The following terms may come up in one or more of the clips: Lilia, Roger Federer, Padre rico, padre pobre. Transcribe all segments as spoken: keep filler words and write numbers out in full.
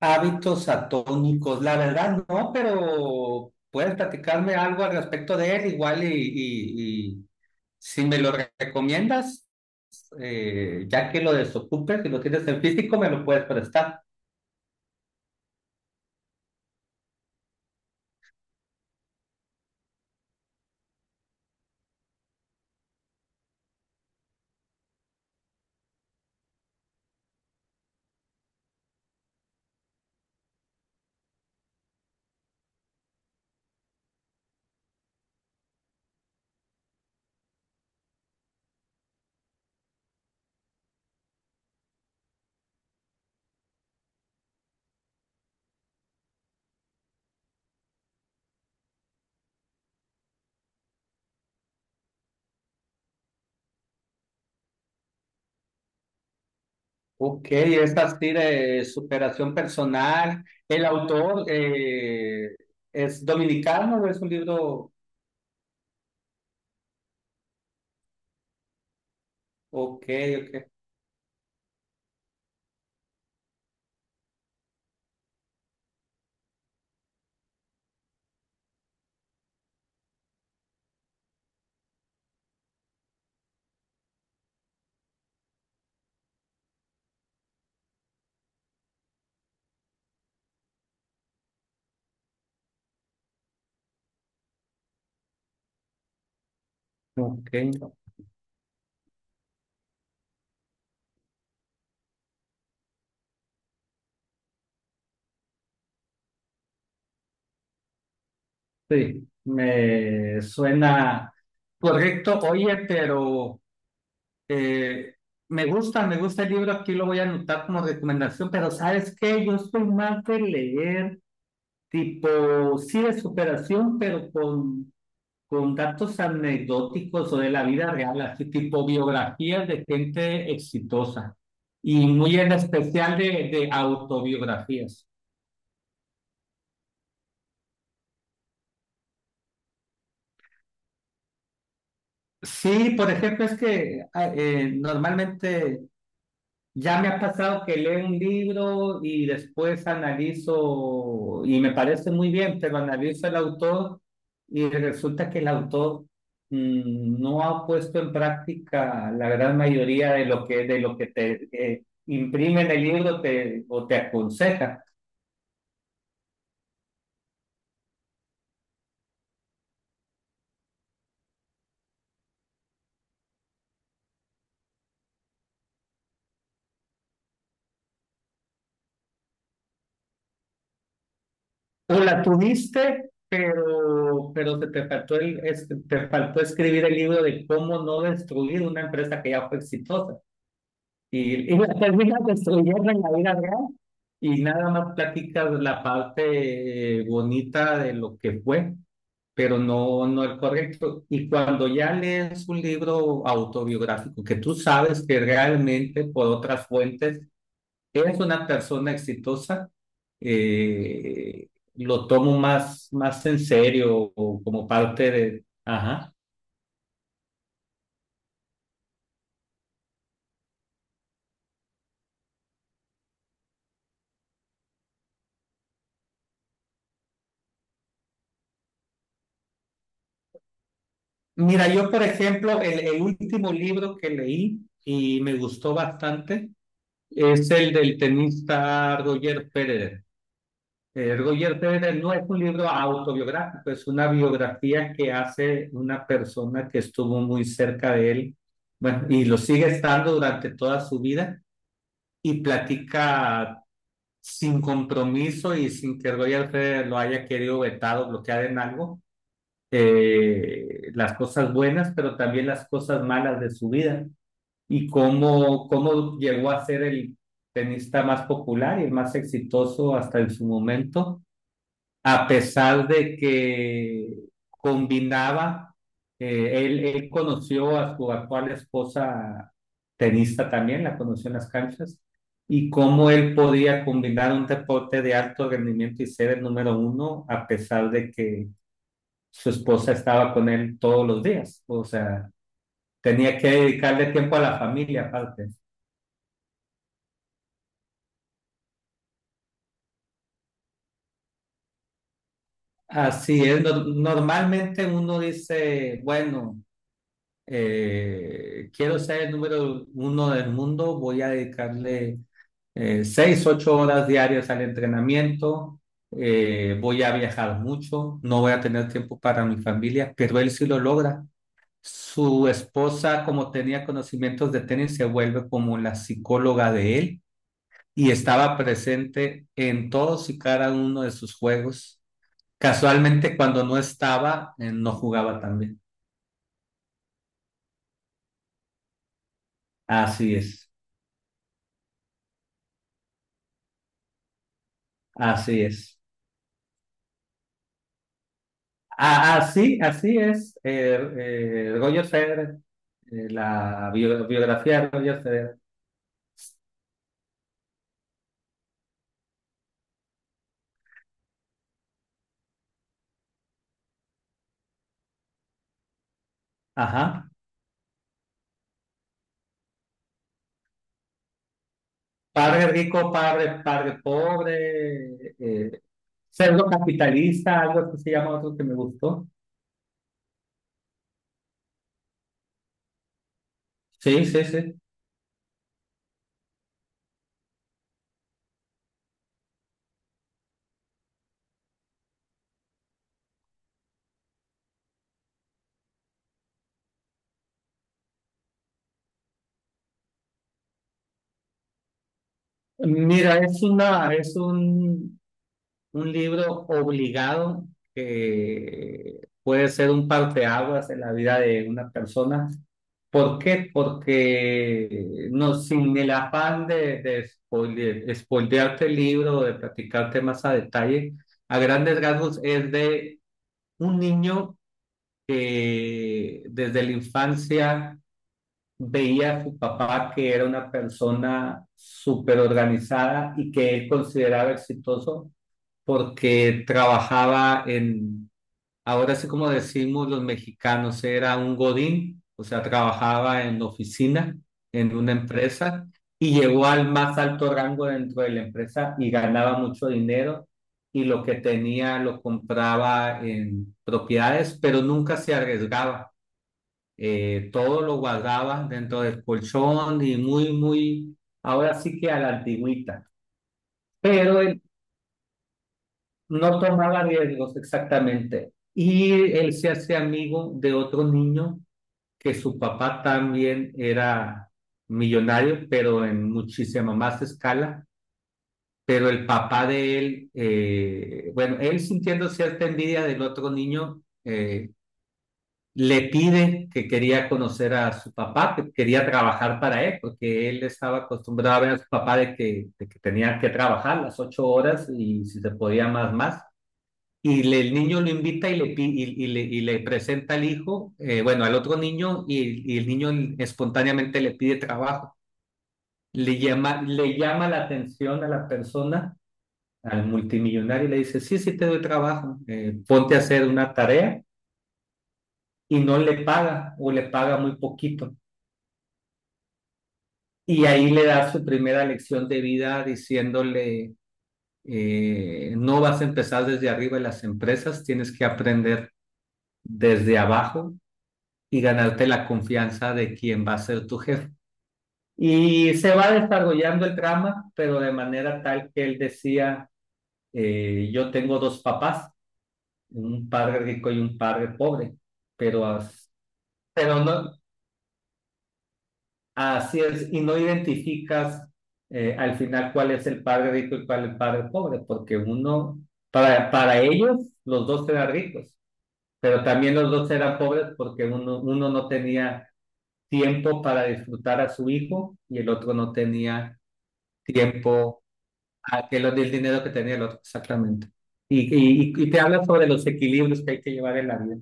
Hábitos atónicos, la verdad no, pero puedes platicarme algo al respecto de él, igual y, y- y si me lo re- recomiendas, eh, ya que lo desocupes, si lo tienes en físico, me lo puedes prestar. Ok, es así de superación personal. El autor eh, es dominicano, ¿o es un libro? Ok, ok. Ok, sí, me suena correcto. Oye, pero. Eh, me gusta, me gusta el libro, aquí lo voy a anotar como recomendación, pero ¿sabes qué? Yo soy más de leer tipo, sí, de superación, pero con, con datos anecdóticos o de la vida real, así tipo biografías de gente exitosa y muy en especial de, de autobiografías. Sí, por ejemplo, es que ah, eh, normalmente ya me ha pasado que leo un libro y después analizo, y me parece muy bien, pero analizo el autor y resulta que el autor mm, no ha puesto en práctica la gran mayoría de lo que, de lo que te eh, imprime en el libro te, o te aconseja. O la tuviste, pero, pero te, te faltó el, es- te faltó escribir el libro de cómo no destruir una empresa que ya fue exitosa. Y, y la terminas destruyendo en la vida real y nada más platicas la parte eh, bonita de lo que fue, pero no, no el correcto. Y cuando ya lees un libro autobiográfico que tú sabes que realmente por otras fuentes es una persona exitosa, eh, lo tomo más, más en serio o como parte de... Ajá. Mira, yo por ejemplo, el, el último libro que leí y me gustó bastante es el del tenista Roger Federer. Eh, Roger Federer no es un libro autobiográfico, es una biografía que hace una persona que estuvo muy cerca de él, bueno, y lo sigue estando durante toda su vida y platica sin compromiso y sin que Roger Federer lo haya querido vetar o bloquear en algo, eh, las cosas buenas, pero también las cosas malas de su vida y cómo, cómo llegó a ser el tenista más popular y el más exitoso hasta en su momento, a pesar de que combinaba, eh, él, él conoció a su actual esposa, tenista también, la conoció en las canchas, y cómo él podía combinar un deporte de alto rendimiento y ser el número uno, a pesar de que su esposa estaba con él todos los días. O sea, tenía que dedicarle tiempo a la familia aparte. Así es, no- normalmente uno dice, bueno, eh, quiero ser el número uno del mundo, voy a dedicarle eh, seis, ocho horas diarias al entrenamiento, eh, voy a viajar mucho, no voy a tener tiempo para mi familia, pero él sí lo logra. Su esposa, como tenía conocimientos de tenis, se vuelve como la psicóloga de él y estaba presente en todos y cada uno de sus juegos. Casualmente cuando no estaba, eh, no jugaba también. Así es, así es. Ah, así, así es. eh, eh, Roger Federer, eh, la bio- biografía de Roger Federer. Ajá. Padre rico, padre, padre pobre, eh, pseudo capitalista, algo que se llama otro que me gustó. Sí, sí, sí. Mira, es una, es un, un libro obligado que puede ser un parteaguas en la vida de una persona. ¿Por qué? Porque no, sin el afán de, de spoile- spoilearte el libro o de platicarte más a detalle, a grandes rasgos es de un niño que desde la infancia veía a su papá que era una persona súper organizada y que él consideraba exitoso porque trabajaba en, ahora sí como decimos los mexicanos, era un godín, o sea, trabajaba en oficina, en una empresa, y llegó al más alto rango dentro de la empresa y ganaba mucho dinero y lo que tenía lo compraba en propiedades, pero nunca se arriesgaba. Eh, todo lo guardaba dentro del colchón y muy, muy, ahora sí que a la antigüita. Pero él no tomaba riesgos exactamente. Y él se hace amigo de otro niño que su papá también era millonario, pero en muchísima más escala. Pero el papá de él, eh, bueno, él sintiendo cierta envidia del otro niño, eh, le pide que quería conocer a su papá, que quería trabajar para él, porque él estaba acostumbrado a ver a su papá de que, de que tenía que trabajar las ocho horas y si se podía más, más. Y le- el niño lo invita y le, pi- y, y le, y le presenta al hijo, eh, bueno, al otro niño, y, y el niño espontáneamente le pide trabajo. Le llama, le llama la atención a la persona, al multimillonario, y le dice, sí, sí te doy trabajo, eh, ponte a hacer una tarea, y no le paga o le paga muy poquito. Y ahí le da su primera lección de vida diciéndole, eh, no vas a empezar desde arriba en las empresas, tienes que aprender desde abajo y ganarte la confianza de quien va a ser tu jefe. Y se va desarrollando el drama, pero de manera tal que él decía, eh, yo tengo dos papás, un padre rico y un padre pobre, pero, pero no, así es, y no identificas eh, al final cuál es el padre rico y cuál es el padre pobre, porque uno, para, para ellos, los dos eran ricos, pero también los dos eran pobres porque uno, uno no tenía tiempo para disfrutar a su hijo y el otro no tenía tiempo, aquel del dinero que tenía el otro, exactamente. Y, y, y te habla sobre los equilibrios que hay que llevar en la vida.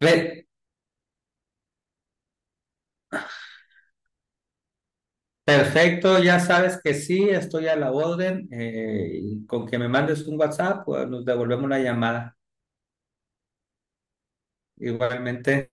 Re- perfecto, ya sabes que sí, estoy a la orden. eh, y con que me mandes un WhatsApp, pues, nos devolvemos la llamada. Igualmente.